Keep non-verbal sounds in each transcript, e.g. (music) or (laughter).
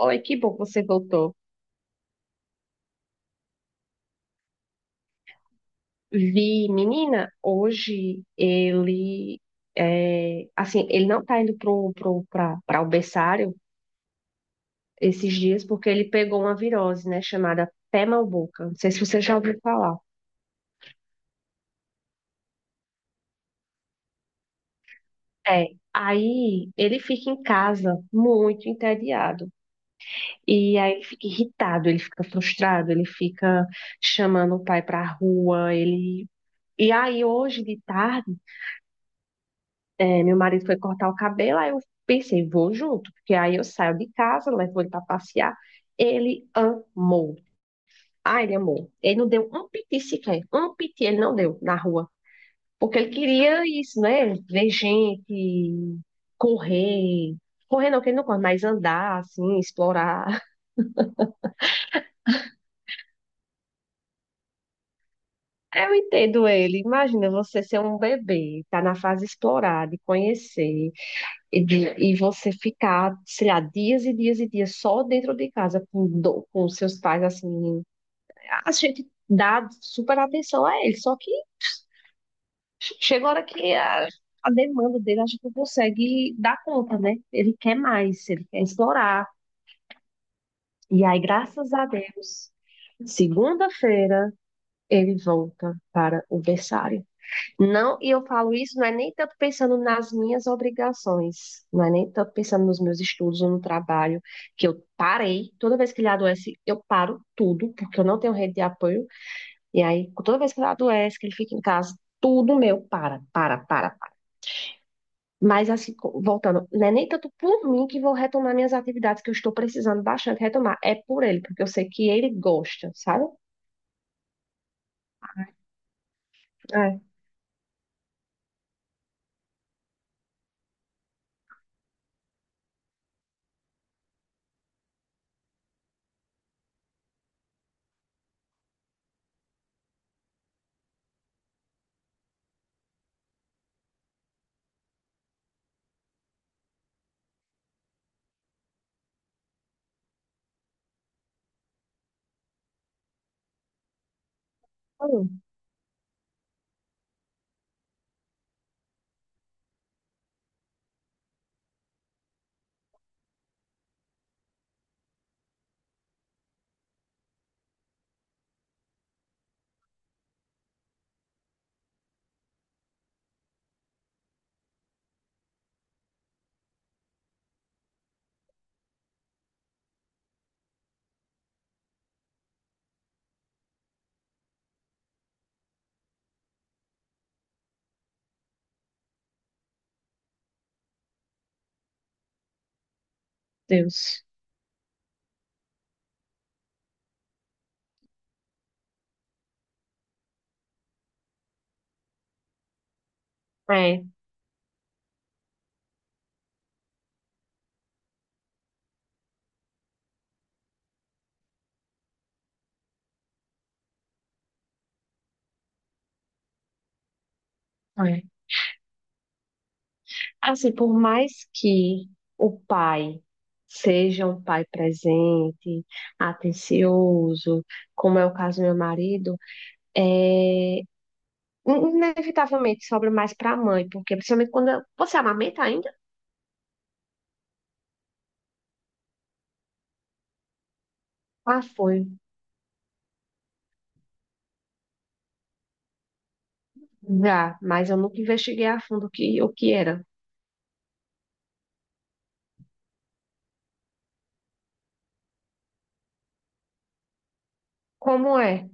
Oi, que bom que você voltou. Vi, menina, hoje ele, é, assim, ele não tá indo pra o berçário esses dias porque ele pegou uma virose, né, chamada pé mal boca. Não sei se você já ouviu falar. É, aí ele fica em casa muito entediado. E aí ele fica irritado, ele fica frustrado, ele fica chamando o pai pra rua, ele... E aí hoje de tarde é, meu marido foi cortar o cabelo, aí eu pensei, vou junto, porque aí eu saio de casa, levo ele para passear. Ele amou. Ah, ele amou. Ele não deu um piti sequer, um piti ele não deu na rua, porque ele queria isso, né? Ver gente, correr. Correr não, que ele não corre, mas andar, assim, explorar. (laughs) Eu entendo ele. Imagina você ser um bebê, tá na fase de explorar, de conhecer. E, e você ficar, sei lá, dias e dias e dias só dentro de casa com seus pais, assim, a gente dá super atenção a eles, só que chega a hora que a demanda dele a gente não consegue dar conta, né? Ele quer mais, ele quer explorar. E aí, graças a Deus, segunda-feira ele volta para o berçário. Não, e eu falo isso não é nem tanto pensando nas minhas obrigações, não é nem tanto pensando nos meus estudos ou no trabalho, que eu parei, toda vez que ele adoece, eu paro tudo, porque eu não tenho rede de apoio, e aí toda vez que ele adoece, que ele fica em casa, tudo meu para. Mas assim, voltando, não é nem tanto por mim que vou retomar minhas atividades que eu estou precisando bastante retomar, é por ele, porque eu sei que ele gosta, sabe? É. Oh, Deus. É, é. Assim, por mais que o pai seja um pai presente, atencioso, como é o caso do meu marido, é inevitavelmente sobra mais para a mãe, porque principalmente quando você amamenta ainda? Ah, foi, já, mas eu nunca investiguei a fundo o que era. Como é?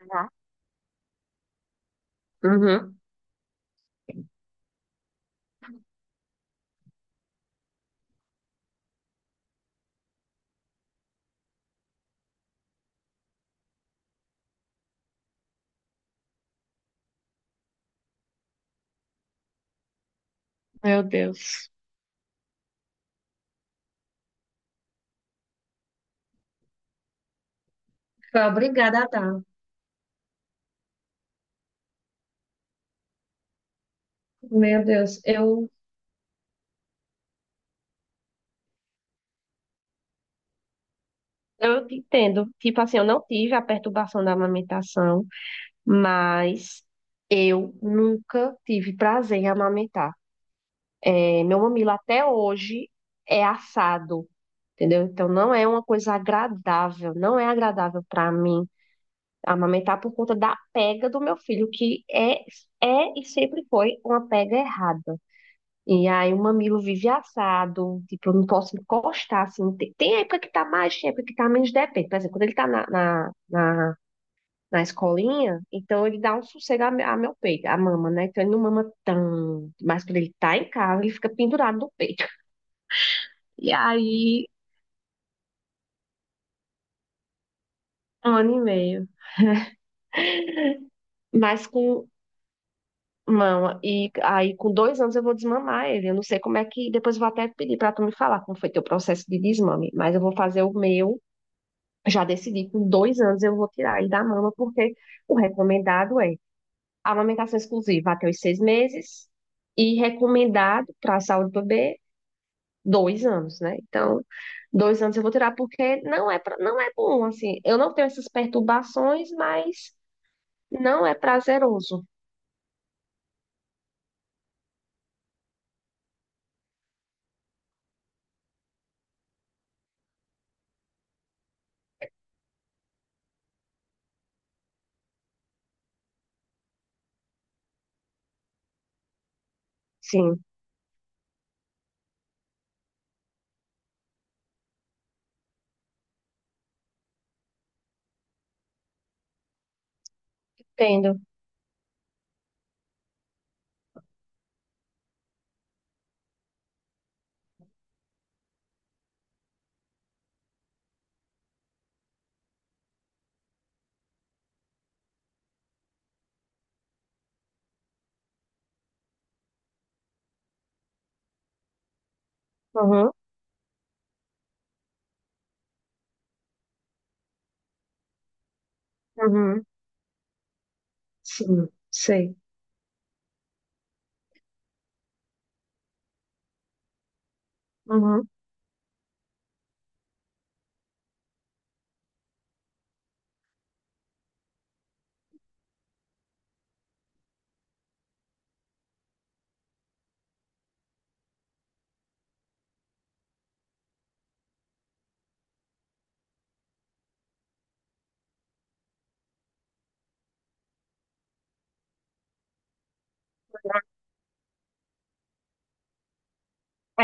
Já. Uhum. Meu Deus. Foi obrigada a dar. Meu Deus, eu, eu te entendo. Tipo assim, eu não tive a perturbação da amamentação, mas eu nunca tive prazer em amamentar. É, meu mamilo até hoje é assado, entendeu? Então não é uma coisa agradável, não é agradável para mim amamentar por conta da pega do meu filho, que é e sempre foi uma pega errada. E aí o mamilo vive assado, tipo, eu não posso encostar, assim, tem época que tá mais, tem época que tá menos, depende. Por exemplo, quando ele tá na escolinha, então ele dá um sossego a meu peito, a mama, né? Então ele não mama tanto, mas quando ele tá em casa, ele fica pendurado no peito. E aí, 1 ano e meio. Mas com mama, e aí com 2 anos eu vou desmamar ele. Eu não sei como é que. Depois eu vou até pedir pra tu me falar como foi teu processo de desmame, mas eu vou fazer o meu. Já decidi, com dois anos eu vou tirar ele da mama, porque o recomendado é amamentação exclusiva até os 6 meses. E recomendado para a saúde do bebê 2 anos, né? Então, 2 anos eu vou tirar porque não é, não é bom, assim. Eu não tenho essas perturbações, mas não é prazeroso. Sim, entendo. Uhum, uhum, sim, sei. Uhum.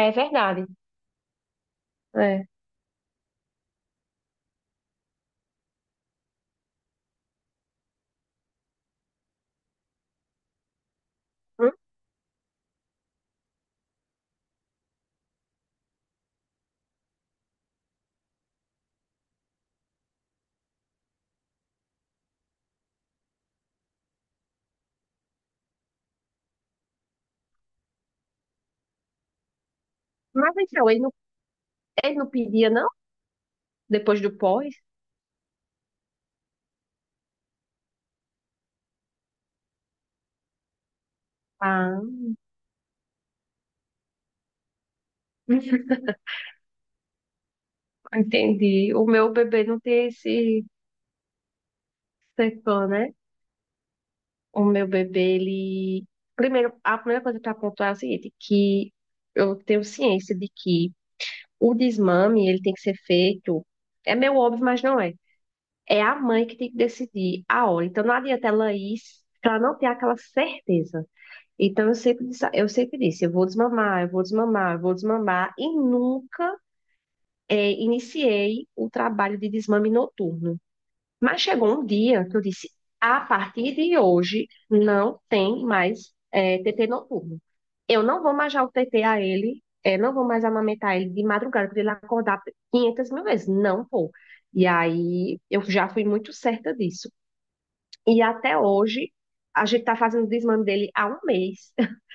É verdade. É. Hum? Mas então, ele não pedia, não? Depois do pós? Ah, (laughs) entendi. O meu bebê não tem esse, né? O meu bebê, ele. Primeiro, a primeira coisa para pontuar é o seguinte, que eu tenho ciência de que o desmame, ele tem que ser feito. É meio óbvio, mas não é. É a mãe que tem que decidir a hora. Então, não adianta ela ir se ela não ter aquela certeza. Então, eu sempre disse, eu vou desmamar, eu vou desmamar, eu vou desmamar. E nunca iniciei o trabalho de desmame noturno. Mas chegou um dia que eu disse: a partir de hoje não tem mais TT noturno. Eu não vou mais dar o TT a ele, é, não vou mais amamentar ele de madrugada para ele acordar 500 mil vezes. Não vou. E aí eu já fui muito certa disso. E até hoje a gente está fazendo o desmame dele há 1 mês. (laughs)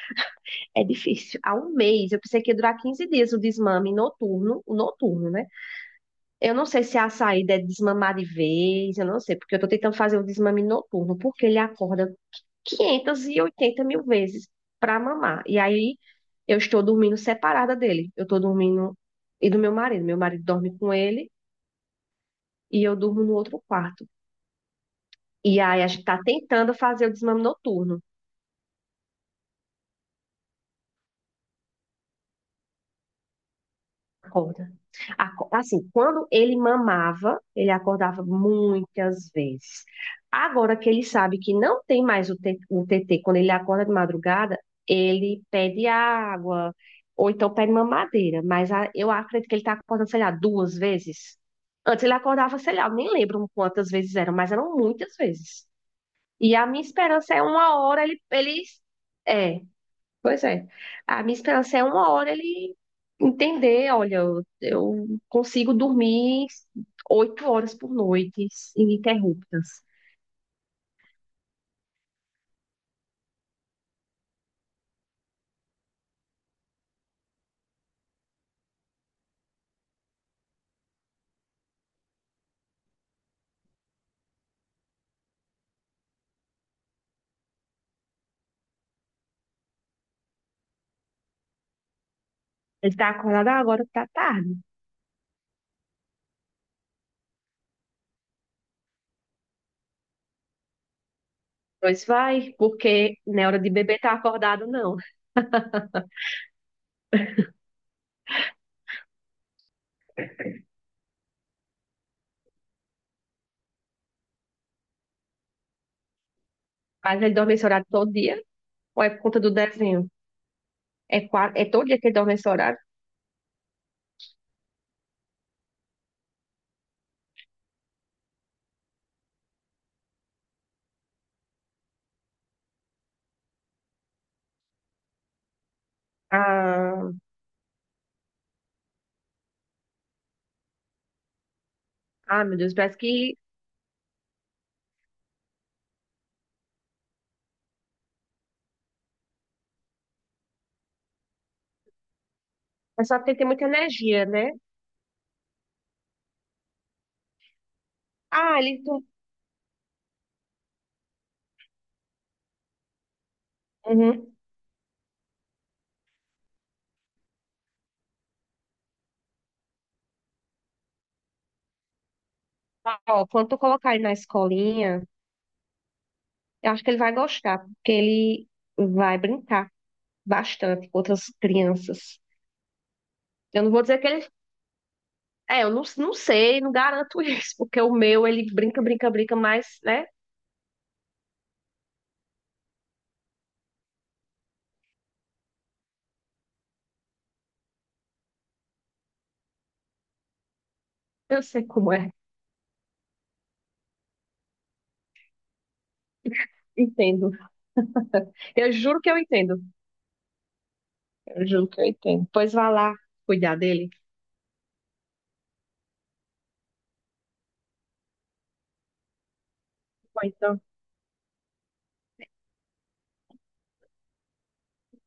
É difícil. Há 1 mês. Eu pensei que ia durar 15 dias o desmame noturno, né? Eu não sei se a saída é desmamar de vez, eu não sei, porque eu tô tentando fazer o desmame noturno, porque ele acorda 580 mil vezes pra mamar. E aí eu estou dormindo separada dele. Eu tô dormindo e do meu marido. Meu marido dorme com ele e eu durmo no outro quarto. E aí a gente tá tentando fazer o desmame noturno. Acorda. Assim, quando ele mamava, ele acordava muitas vezes. Agora que ele sabe que não tem mais o TT, quando ele acorda de madrugada, ele pede água, ou então pede mamadeira. Mas eu acredito que ele está acordando, sei lá, 2 vezes. Antes ele acordava, sei lá, eu nem lembro quantas vezes eram, mas eram muitas vezes. E a minha esperança é uma hora ele, ele, é, Pois é. A minha esperança é uma hora ele entender, olha, eu consigo dormir 8 horas por noite, ininterruptas. Ele tá acordado. "Ah, agora, tá tarde." Pois vai, porque não é hora de beber tá acordado, não. Mas ele dorme esse horário todo dia, ou é por conta do desenho? É, é todo dia que ele dorme esse horário? Ah, ah, meu Deus, parece que é só ter muita energia, né? Ah, ele... Uhum. Ó, quando tu colocar ele na escolinha... Eu acho que ele vai gostar, porque ele vai brincar bastante com outras crianças. Eu não vou dizer que ele. É, eu não, não sei, não garanto (laughs) isso, porque o meu, ele brinca, mas, né? Eu sei como é. Entendo. Eu juro que eu entendo. Eu juro que eu entendo. Pois vá lá cuidar dele. Ou então